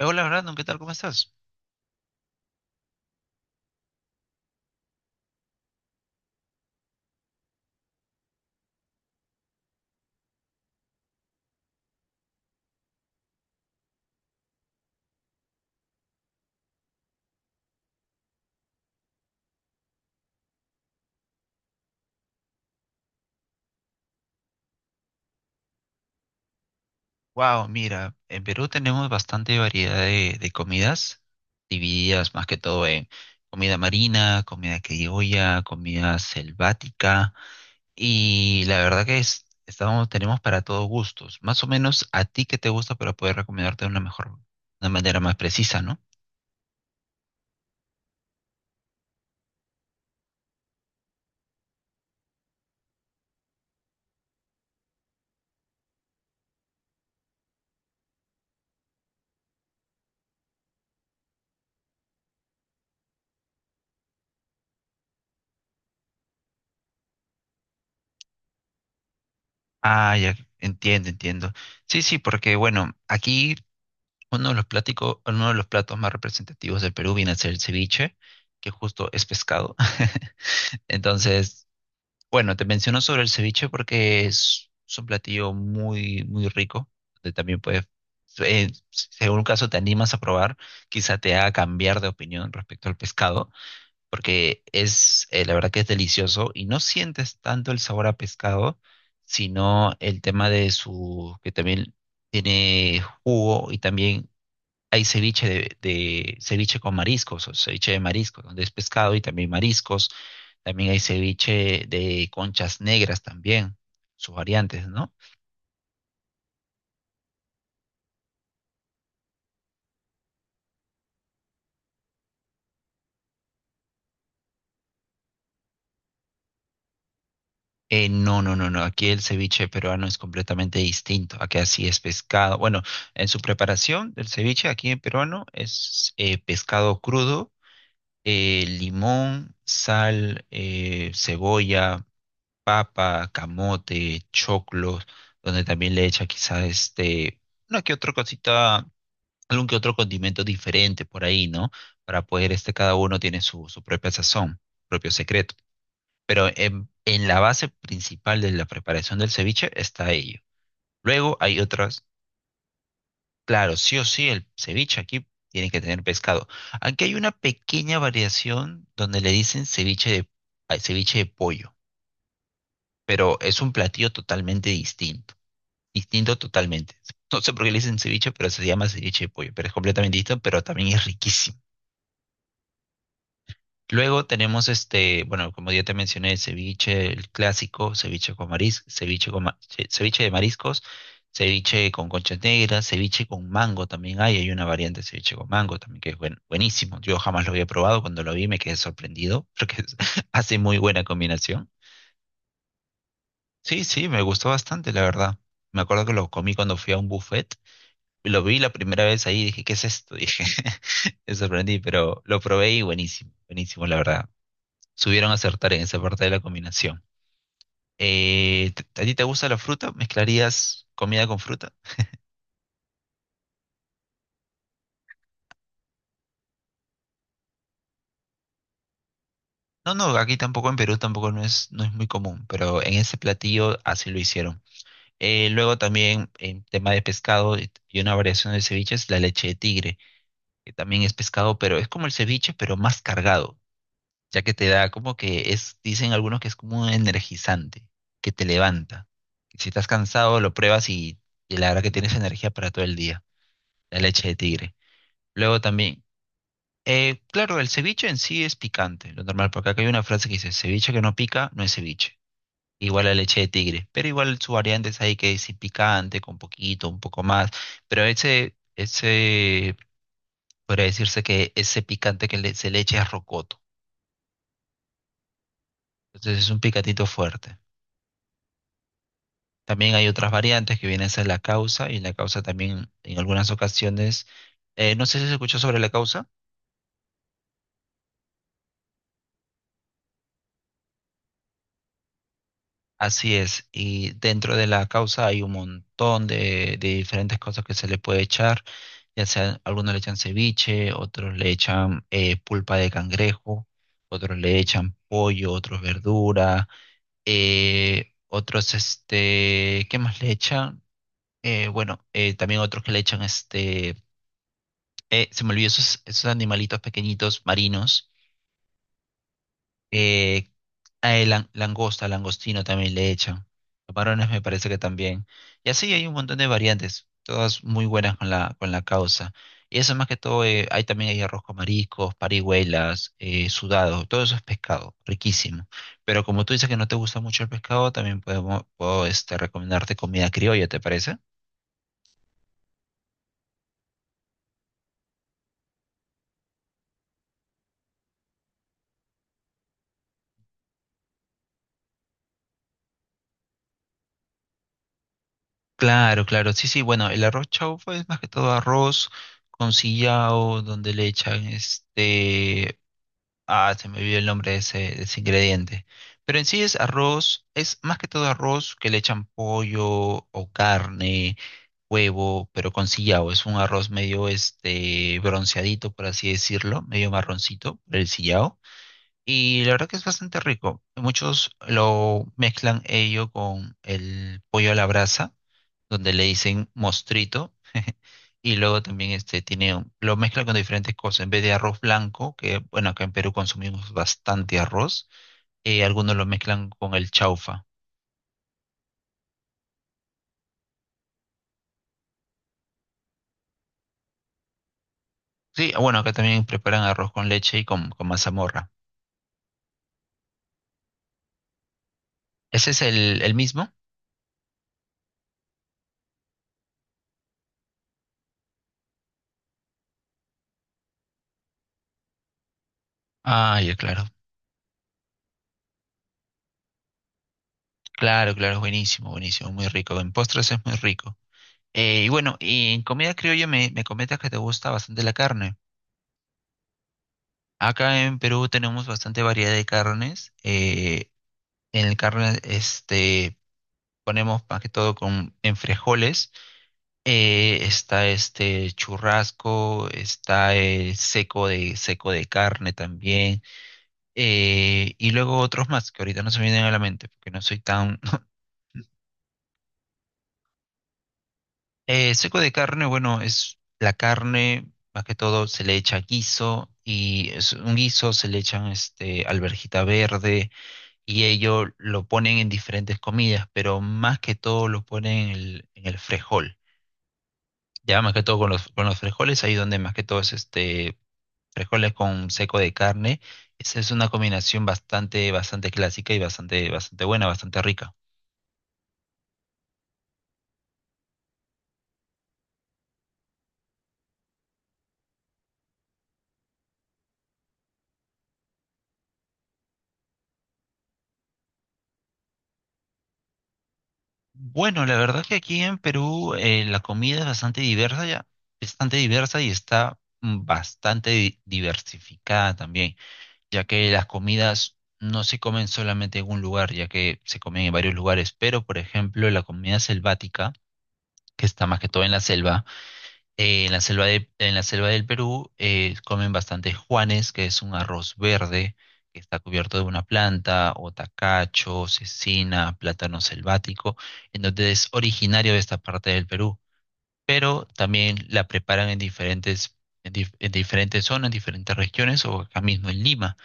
Hola, Brandon, ¿qué tal? ¿Cómo estás? Wow, mira, en Perú tenemos bastante variedad de comidas, divididas más que todo en comida marina, comida criolla, comida selvática, y la verdad que es, estamos, tenemos para todos gustos. Más o menos a ti que te gusta para poder recomendarte de una mejor, una manera más precisa, ¿no? Ah, ya, entiendo, entiendo. Sí, sí, porque bueno, aquí uno de los pláticos, uno de los platos más representativos del Perú viene a ser el ceviche, que justo es pescado. Entonces, bueno, te menciono sobre el ceviche porque es un platillo muy, muy rico, donde también puedes, según un caso te animas a probar, quizá te haga cambiar de opinión respecto al pescado, porque es, la verdad que es delicioso y no sientes tanto el sabor a pescado, sino el tema de su, que también tiene jugo y también hay ceviche ceviche con mariscos, o ceviche de mariscos, donde es pescado y también mariscos. También hay ceviche de conchas negras también, sus variantes, ¿no? No. Aquí el ceviche peruano es completamente distinto. Aquí así es pescado. Bueno, en su preparación del ceviche aquí en peruano es pescado crudo, limón, sal, cebolla papa, camote, choclos, donde también le echa quizás este, una que otra cosita, algún que otro condimento diferente por ahí, ¿no? Para poder este, cada uno tiene su, su propia sazón, propio secreto. Pero en la base principal de la preparación del ceviche está ello. Luego hay otras, claro, sí o sí, el ceviche aquí tiene que tener pescado. Aquí hay una pequeña variación donde le dicen ceviche de, ay, ceviche de pollo, pero es un platillo totalmente distinto. Distinto totalmente. No sé por qué le dicen ceviche, pero se llama ceviche de pollo, pero es completamente distinto, pero también es riquísimo. Luego tenemos este, bueno, como ya te mencioné, el ceviche, el clásico, ceviche con marisco, ceviche de mariscos, ceviche con conchas negras, ceviche con mango también hay una variante de ceviche con mango también que es buenísimo. Yo jamás lo había probado, cuando lo vi me quedé sorprendido porque hace muy buena combinación. Sí, sí, me gustó bastante, la verdad. Me acuerdo que lo comí cuando fui a un buffet. Lo vi la primera vez ahí y dije, ¿qué es esto? Dije, me sorprendí, pero lo probé y buenísimo, buenísimo, la verdad. Subieron a acertar en esa parte de la combinación. A ti te gusta la fruta? ¿Mezclarías comida con fruta? No, no, aquí tampoco, en Perú tampoco no es, no es muy común, pero en ese platillo así lo hicieron. Luego también en tema de pescado y una variación de ceviche es la leche de tigre, que también es pescado, pero es como el ceviche, pero más cargado. Ya que te da como que es, dicen algunos que es como un energizante, que te levanta. Si estás cansado, lo pruebas y la verdad que tienes energía para todo el día, la leche de tigre. Luego también, claro, el ceviche en sí es picante, lo normal, porque acá hay una frase que dice, ceviche que no pica no es ceviche. Igual la leche de tigre, pero igual su variante es ahí que es picante, con poquito, un poco más, pero ese, podría decirse que ese picante que se le echa es rocoto, entonces es un picatito fuerte. También hay otras variantes que vienen a ser la causa y la causa también en algunas ocasiones, no sé si se escuchó sobre la causa, así es, y dentro de la causa hay un montón de diferentes cosas que se le puede echar, ya sea algunos le echan ceviche, otros le echan pulpa de cangrejo, otros le echan pollo, otros verdura, otros este, ¿qué más le echan? Bueno, también otros que le echan este. Se me olvidó esos, esos animalitos pequeñitos marinos. Eh, langosta, langostino también le echan. Los varones me parece que también. Y así hay un montón de variantes, todas muy buenas con la causa. Y eso más que todo, hay también hay arroz con mariscos, parihuelas, sudado, todo eso es pescado, riquísimo. Pero como tú dices que no te gusta mucho el pescado, también podemos, puedo este, recomendarte comida criolla, ¿te parece? Claro, claro, sí, sí, bueno, el arroz chaufa es más que todo arroz con sillao, donde le echan este, ah, se me olvidó el nombre de ese ingrediente, pero en sí es arroz, es más que todo arroz que le echan pollo o carne, huevo, pero con sillao, es un arroz medio este bronceadito, por así decirlo, medio marroncito, el sillao, y la verdad que es bastante rico, muchos lo mezclan ello con el pollo a la brasa donde le dicen mostrito, y luego también este tiene, lo mezcla con diferentes cosas, en vez de arroz blanco, que bueno, acá en Perú consumimos bastante arroz, algunos lo mezclan con el chaufa. Sí, bueno, acá también preparan arroz con leche y con mazamorra. ¿Ese es el mismo? Ah, ya, claro. Claro, claro, es buenísimo, buenísimo, muy rico. En postres es muy rico. Y bueno, y en comida criolla me, me comentas que te gusta bastante la carne. Acá en Perú tenemos bastante variedad de carnes. En el carro, este, ponemos más que todo con, en frijoles. Está este churrasco, está el seco de carne también. Y luego otros más que ahorita no se me vienen a la mente porque no soy tan... Seco de carne, bueno, es la carne, más que todo se le echa guiso y es un guiso se le echan este, alverjita verde y ello lo ponen en diferentes comidas, pero más que todo lo ponen en el frejol. Ya más que todo con los frijoles, ahí donde más que todo es este frijoles con seco de carne. Esa es una combinación bastante, bastante clásica y bastante, bastante buena, bastante rica. Bueno, la verdad que aquí en Perú la comida es bastante diversa ya, bastante diversa y está bastante diversificada también, ya que las comidas no se comen solamente en un lugar, ya que se comen en varios lugares, pero por ejemplo la comida selvática, que está más que todo en la selva. En la selva en la selva del Perú comen bastante juanes, que es un arroz verde que está cubierto de una planta, o tacacho, cecina, plátano selvático, en donde es originario de esta parte del Perú. Pero también la preparan en diferentes, en en diferentes zonas, en diferentes regiones, o acá mismo en Lima,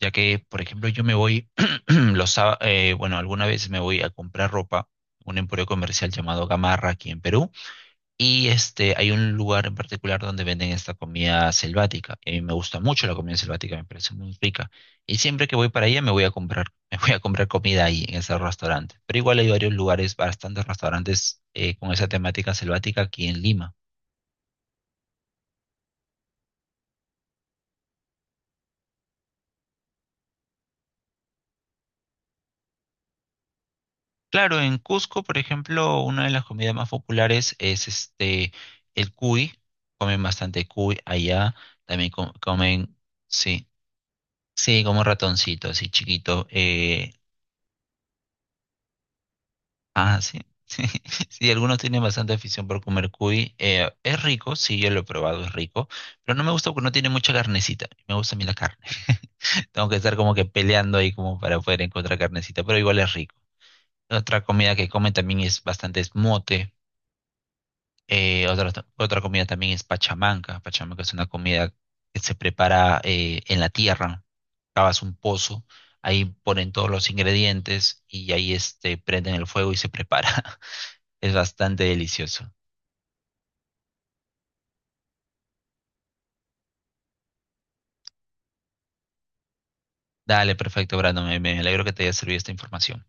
ya que, por ejemplo, yo me voy, los, bueno, alguna vez me voy a comprar ropa, un emporio comercial llamado Gamarra aquí en Perú y este, hay un lugar en particular donde venden esta comida selvática. Y a mí me gusta mucho la comida selvática, me parece muy rica. Y siempre que voy para allá me voy a comprar, me voy a comprar comida ahí en ese restaurante. Pero igual hay varios lugares, bastantes restaurantes con esa temática selvática aquí en Lima. Claro, en Cusco, por ejemplo, una de las comidas más populares es este el cuy. Comen bastante cuy allá. También comen, sí, sí, como ratoncito, así chiquito. Ah, sí. Sí, sí, algunos tienen bastante afición por comer cuy. Es rico, sí, yo lo he probado, es rico, pero no me gusta porque no tiene mucha carnecita. Me gusta a mí la carne. Tengo que estar como que peleando ahí como para poder encontrar carnecita, pero igual es rico. Otra comida que comen también es bastante es mote. Eh, otra, otra comida también es pachamanca. Pachamanca es una comida que se prepara en la tierra. Cavas un pozo, ahí ponen todos los ingredientes y ahí este, prenden el fuego y se prepara. Es bastante delicioso. Dale, perfecto, Brandon. Me alegro que te haya servido esta información.